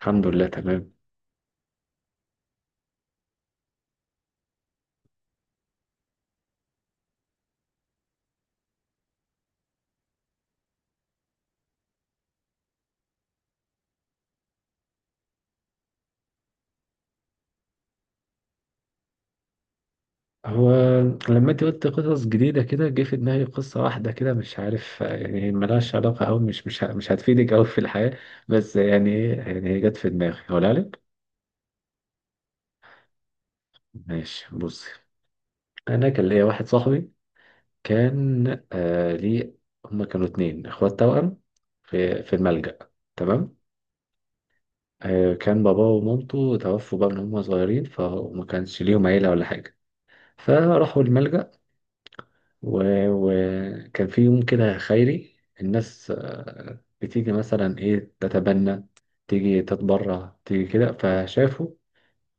الحمد لله تمام. هو لما انت قلت قصص جديدة كده جه في دماغي قصة واحدة كده، مش عارف، يعني هي ملهاش علاقة أوي، مش هتفيدك أوي في الحياة. بس يعني ايه، يعني هي جت في دماغي هقولها لك. ماشي، بصي. أنا كان ليا واحد صاحبي، كان ليه، هما كانوا اتنين اخوات توأم في الملجأ، تمام. آه، كان باباه ومامته توفوا بقى من هما صغيرين، فما كانش ليهم عيلة ولا حاجة، فراحوا الملجأ. وكان في يوم كده خيري الناس، بتيجي مثلا ايه تتبنى، تيجي تتبرع، تيجي كده، فشافوا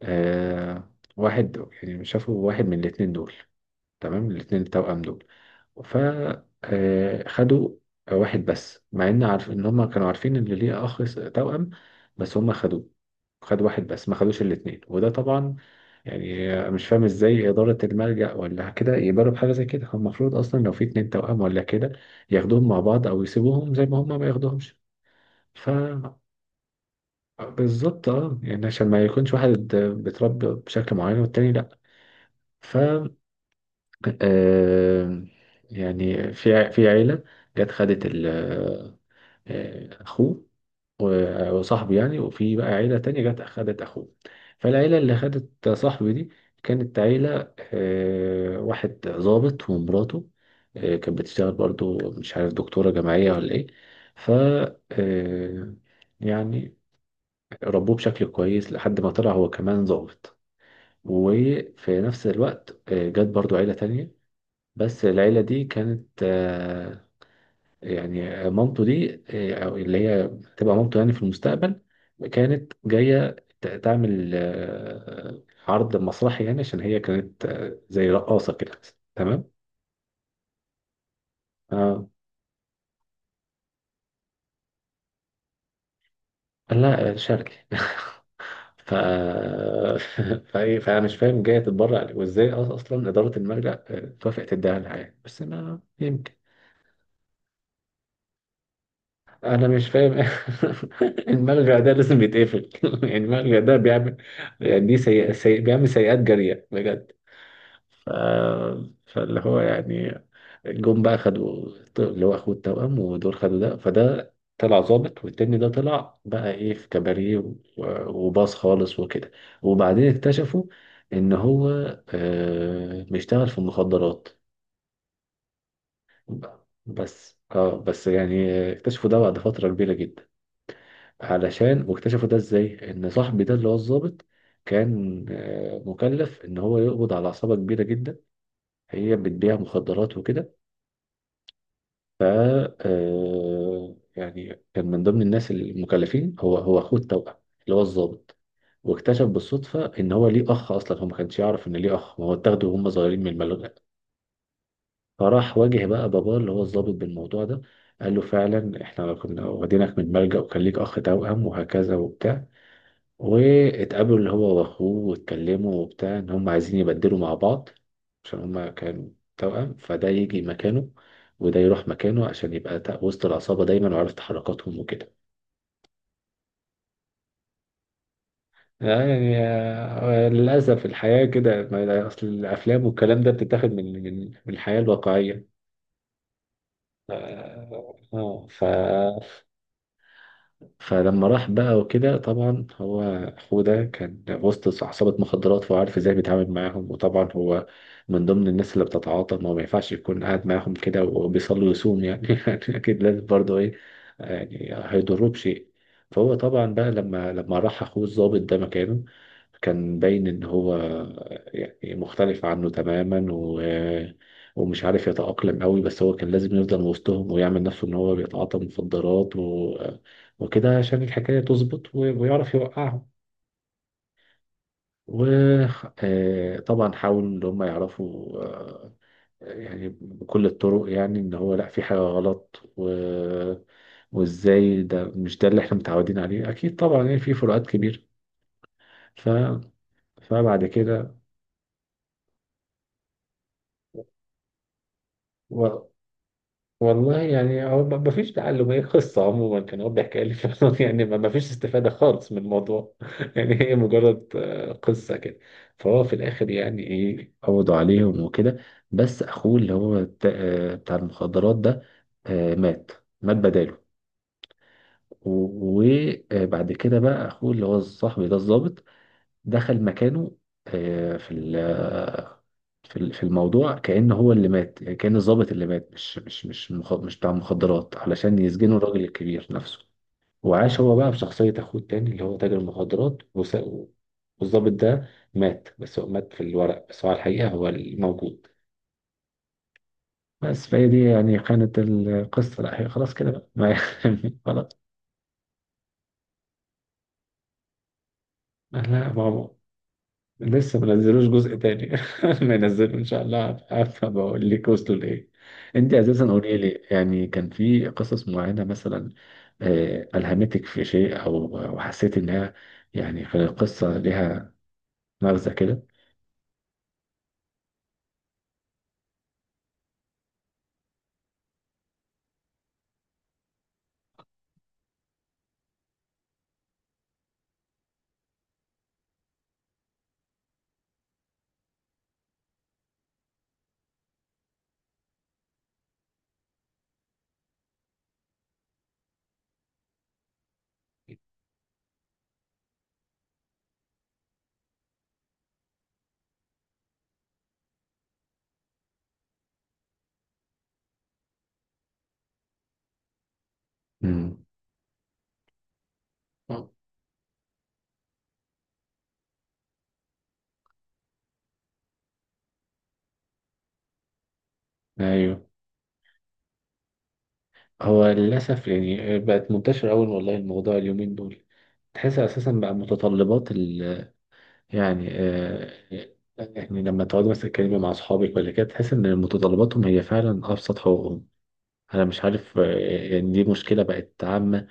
آه واحد، يعني شافوا واحد من الاتنين دول، تمام، الاتنين التوأم دول. فخدوا واحد بس، مع ان عارف ان هم كانوا عارفين ان ليه اخ توأم، بس هم خدوه، خدوا واحد بس ما خدوش الاتنين. وده طبعا يعني مش فاهم ازاي إدارة الملجأ ولا كده يقبلوا بحاجة زي كده، هم المفروض أصلا لو في اتنين توأم ولا كده ياخدوهم مع بعض أو يسيبوهم زي ما هم، ما ياخدوهمش. ف بالظبط اه، يعني عشان ما يكونش واحد بيتربى بشكل معين والتاني لأ. ف آه يعني في في عيلة جت خدت ال اخوه، وصاحبه يعني، وفي بقى عيله تانية جت اخدت اخوه. فالعيله اللي اخدت صاحبي دي كانت عيله واحد ضابط ومراته، كانت بتشتغل برضو، مش عارف دكتوره جامعيه ولا ايه. ف آه، يعني ربوه بشكل كويس لحد ما طلع هو كمان ضابط. وفي نفس الوقت جت برضو عيله تانية، بس العيلة دي كانت يعني مامته دي أو اللي هي تبقى مامته يعني في المستقبل، كانت جاية تعمل عرض مسرحي يعني، عشان هي كانت زي رقاصة كده، تمام. اه لا شرقي. ف... فايه، فانا مش فاهم جايه تتبرع ليه وازاي اصلا اداره المرجع توافق تديها لها يعني، بس انا يمكن انا مش فاهم. المرجع ده لازم يتقفل. يعني المرجع ده بيعمل، يعني دي بيعمل سيئات جاريه بجد. ف... فاللي هو يعني جم بقى خدوا اللي هو اخوه التوأم، ودول خدوا ده، فده طلع ظابط، والتاني ده طلع بقى ايه في كباريه وباص خالص وكده. وبعدين اكتشفوا ان هو بيشتغل في المخدرات. بس اه، بس يعني اكتشفوا ده بعد فترة كبيرة جدا. علشان واكتشفوا ده ازاي ان صاحبي ده اللي هو الظابط، كان مكلف ان هو يقبض على عصابة كبيرة جدا هي بتبيع مخدرات وكده. ف آه، يعني كان من ضمن الناس المكلفين هو اخوه التوأم اللي هو الضابط. واكتشف بالصدفة ان هو ليه اخ، اصلا هو ما كانش يعرف ان ليه اخ، ما هو اتاخده وهم صغيرين من الملجأ. فراح واجه بقى باباه اللي هو الضابط بالموضوع ده، قال له فعلا احنا كنا واخدينك من الملجأ وكان ليك اخ توأم وهكذا وبتاع. واتقابلوا اللي هو واخوه واتكلموا وبتاع ان هم عايزين يبدلوا مع بعض، عشان هم كانوا توأم، فده يجي مكانه وده يروح مكانه عشان يبقى وسط العصابة دايما وعارف تحركاتهم وكده. يعني للأسف الحياة كده، أصل الأفلام والكلام ده بتتاخد من الحياة الواقعية. اه فلما راح بقى وكده طبعا هو، أخوه ده كان وسط عصابة مخدرات فهو عارف ازاي بيتعامل معاهم، وطبعا هو من ضمن الناس اللي بتتعاطى، ما هو ما ينفعش يكون قاعد معاهم كده وبيصلي ويصوم يعني. يعني أكيد لازم برضه إيه، يعني هيضروه بشيء. فهو طبعا بقى لما راح أخوه الضابط ده مكانه، كان باين إن هو يعني مختلف عنه تماما ومش عارف يتأقلم قوي، بس هو كان لازم يفضل وسطهم ويعمل نفسه إن هو بيتعاطى مخدرات وكده عشان الحكاية تظبط ويعرف يوقعهم. وطبعا حاول ان هم يعرفوا يعني بكل الطرق يعني ان هو لا في حاجة غلط وازاي ده مش ده اللي احنا متعودين عليه اكيد طبعا، يعني في فروقات كبيرة. ف... فبعد كده و... والله يعني هو ما فيش تعلم، هي قصة عموما كان هو بيحكي لي فعلا. يعني ما فيش استفادة خالص من الموضوع. يعني هي مجرد قصة كده. فهو في الآخر يعني إيه قبضوا عليهم وكده، بس أخوه اللي هو بتاع بتاع المخدرات ده مات، مات بداله. و- وبعد كده بقى أخوه اللي هو صاحبي ده الضابط دخل مكانه في في في الموضوع كأن هو اللي مات، يعني كأن الضابط اللي مات مش بتاع مخدرات علشان يسجنوا الراجل الكبير نفسه. وعاش هو بقى بشخصية أخوه التاني اللي هو تاجر مخدرات والضابط ده مات، بس هو مات في الورق، بس هو على الحقيقة هو الموجود. بس فهي دي يعني كانت القصة، لا هي خلاص كده بقى. يعني، خلاص. لا ما هو لسه ما نزلوش جزء تاني. ما ينزلوا ان شاء الله هبقى بقول لك وصلوا لايه. انت اساسا قولي لي، يعني كان في قصص معينه مثلا الهمتك في شيء او أو حسيت انها يعني في القصه لها مغزى كده. امم ايوه. هو للاسف يعني بقت منتشره قوي والله الموضوع اليومين دول، تحس اساسا بقى متطلبات، يعني يعني لما تقعد مثلا تتكلمي مع أصحابك ولا كده تحس إن متطلباتهم هي فعلا أبسط حقوقهم. أنا مش عارف يعني دي مشكلة بقت عامة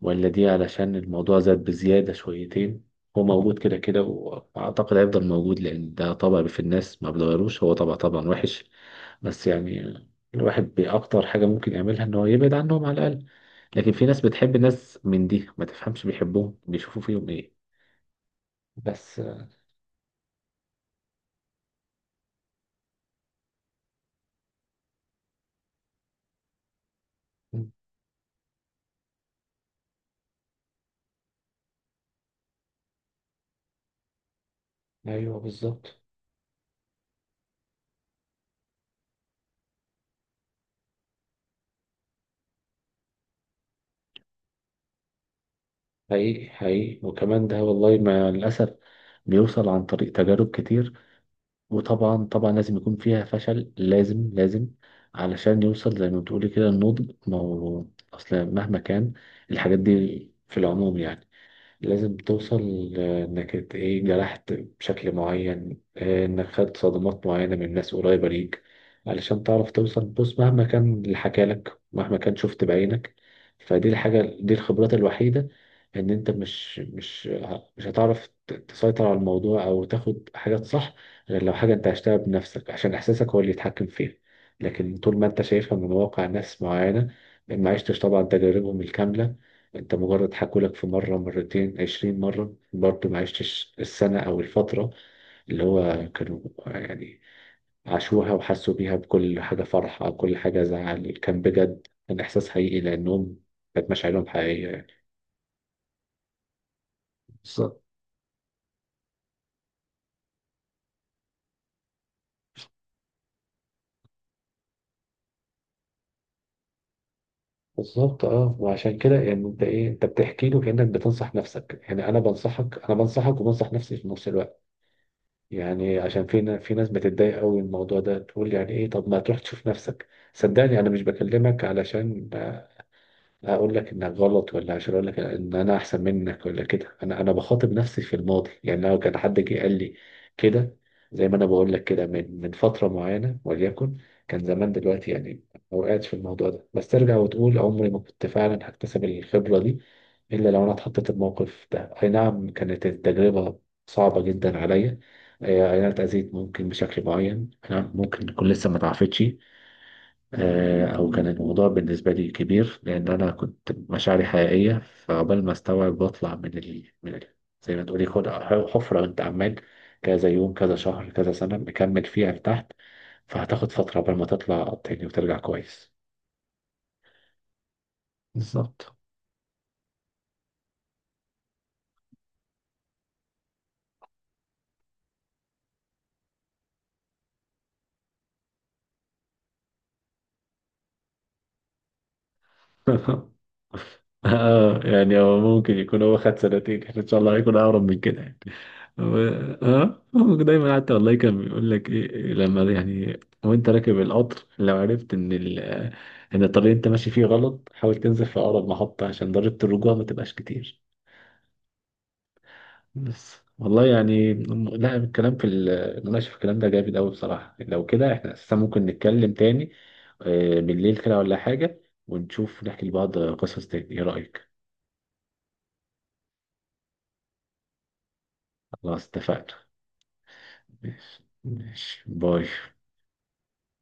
ولا دي علشان الموضوع زاد بزيادة شويتين. هو موجود كده كده وأعتقد هيفضل موجود، لأن ده طبع في الناس ما بيتغيروش، هو طبع طبعا وحش. بس يعني الواحد بأكتر حاجة ممكن يعملها إن هو يبعد عنهم على الأقل، لكن في ناس بتحب ناس من دي، ما تفهمش بيحبوهم بيشوفوا فيهم إيه. بس أيوه بالظبط. حقيقي حقيقي، وكمان ده والله مع الأسف بيوصل عن طريق تجارب كتير، وطبعا طبعا لازم يكون فيها فشل، لازم لازم علشان يوصل زي ما بتقولي كده النضج، ما هو أصل مهما كان الحاجات دي في العموم يعني لازم توصل، لإنك إيه جرحت بشكل معين، إنك خدت صدمات معينة من ناس قريبة ليك علشان تعرف توصل، بص مهما كان اللي حكالك مهما كان شفت بعينك، فدي الحاجة دي الخبرات الوحيدة. إن أنت مش هتعرف تسيطر على الموضوع أو تاخد حاجات صح غير لو حاجة أنت عشتها بنفسك، عشان إحساسك هو اللي يتحكم فيها. لكن طول ما أنت شايفها من واقع ناس معينة، ما عشتش طبعا تجاربهم الكاملة، انت مجرد حكولك في مرة مرتين 20 مرة، برضه ما عشتش السنة أو الفترة اللي هو كانوا يعني عاشوها وحسوا بيها، بكل حاجة فرح أو كل حاجة زعل كان بجد، كان إحساس حقيقي لأنهم كانت مشاعرهم حقيقية يعني. بالظبط. بالظبط اه، وعشان كده يعني انت ايه انت بتحكي له كانك بتنصح نفسك، يعني انا بنصحك انا بنصحك وبنصح نفسي في نفس الوقت. يعني عشان في في ناس بتتضايق قوي من الموضوع ده، تقول يعني ايه طب ما تروح تشوف نفسك. صدقني انا مش بكلمك علشان هقول لك انك غلط ولا عشان اقول لك ان انا احسن منك ولا كده، انا بخاطب نفسي في الماضي، يعني لو كان حد جه قال لي كده زي ما انا بقول لك كده من فتره معينه وليكن كان زمان دلوقتي، يعني ما وقعتش في الموضوع ده، بس ترجع وتقول عمري ما كنت فعلا هكتسب الخبره دي الا لو انا اتحطيت الموقف ده. اي نعم كانت التجربه صعبه جدا عليا، اي أي نعم اتاذيت ممكن بشكل معين، أي نعم ممكن تكون لسه ما اتعافتش، او كان الموضوع بالنسبه لي كبير لان انا كنت مشاعري حقيقيه، فعقبال ما استوعب بطلع من زي ما تقولي خد حفره انت عمال كذا يوم كذا شهر كذا سنه مكمل فيها لتحت، فهتاخد فتره عقبال ما تطلع تاني وترجع كويس. بالظبط. اه يعني هو ممكن يكون هو خد سنتين، احنا ان شاء الله هيكون اقرب من كده يعني. هو اه هو دايما حتى والله كان بيقول لك ايه، لما يعني وانت راكب القطر لو عرفت ان ان الطريق اللي انت ماشي فيه غلط، حاول تنزل في اقرب محطة عشان ضريبة الرجوع ما تبقاش كتير. بس والله يعني لا الكلام في المناقشة في الكلام ده جامد قوي بصراحة، لو كده احنا اساسا ممكن نتكلم تاني بالليل كده ولا حاجة، ونشوف نحكي لبعض قصص تاني، ايه رأيك؟ خلاص اتفقنا. ماشي ماشي، باي.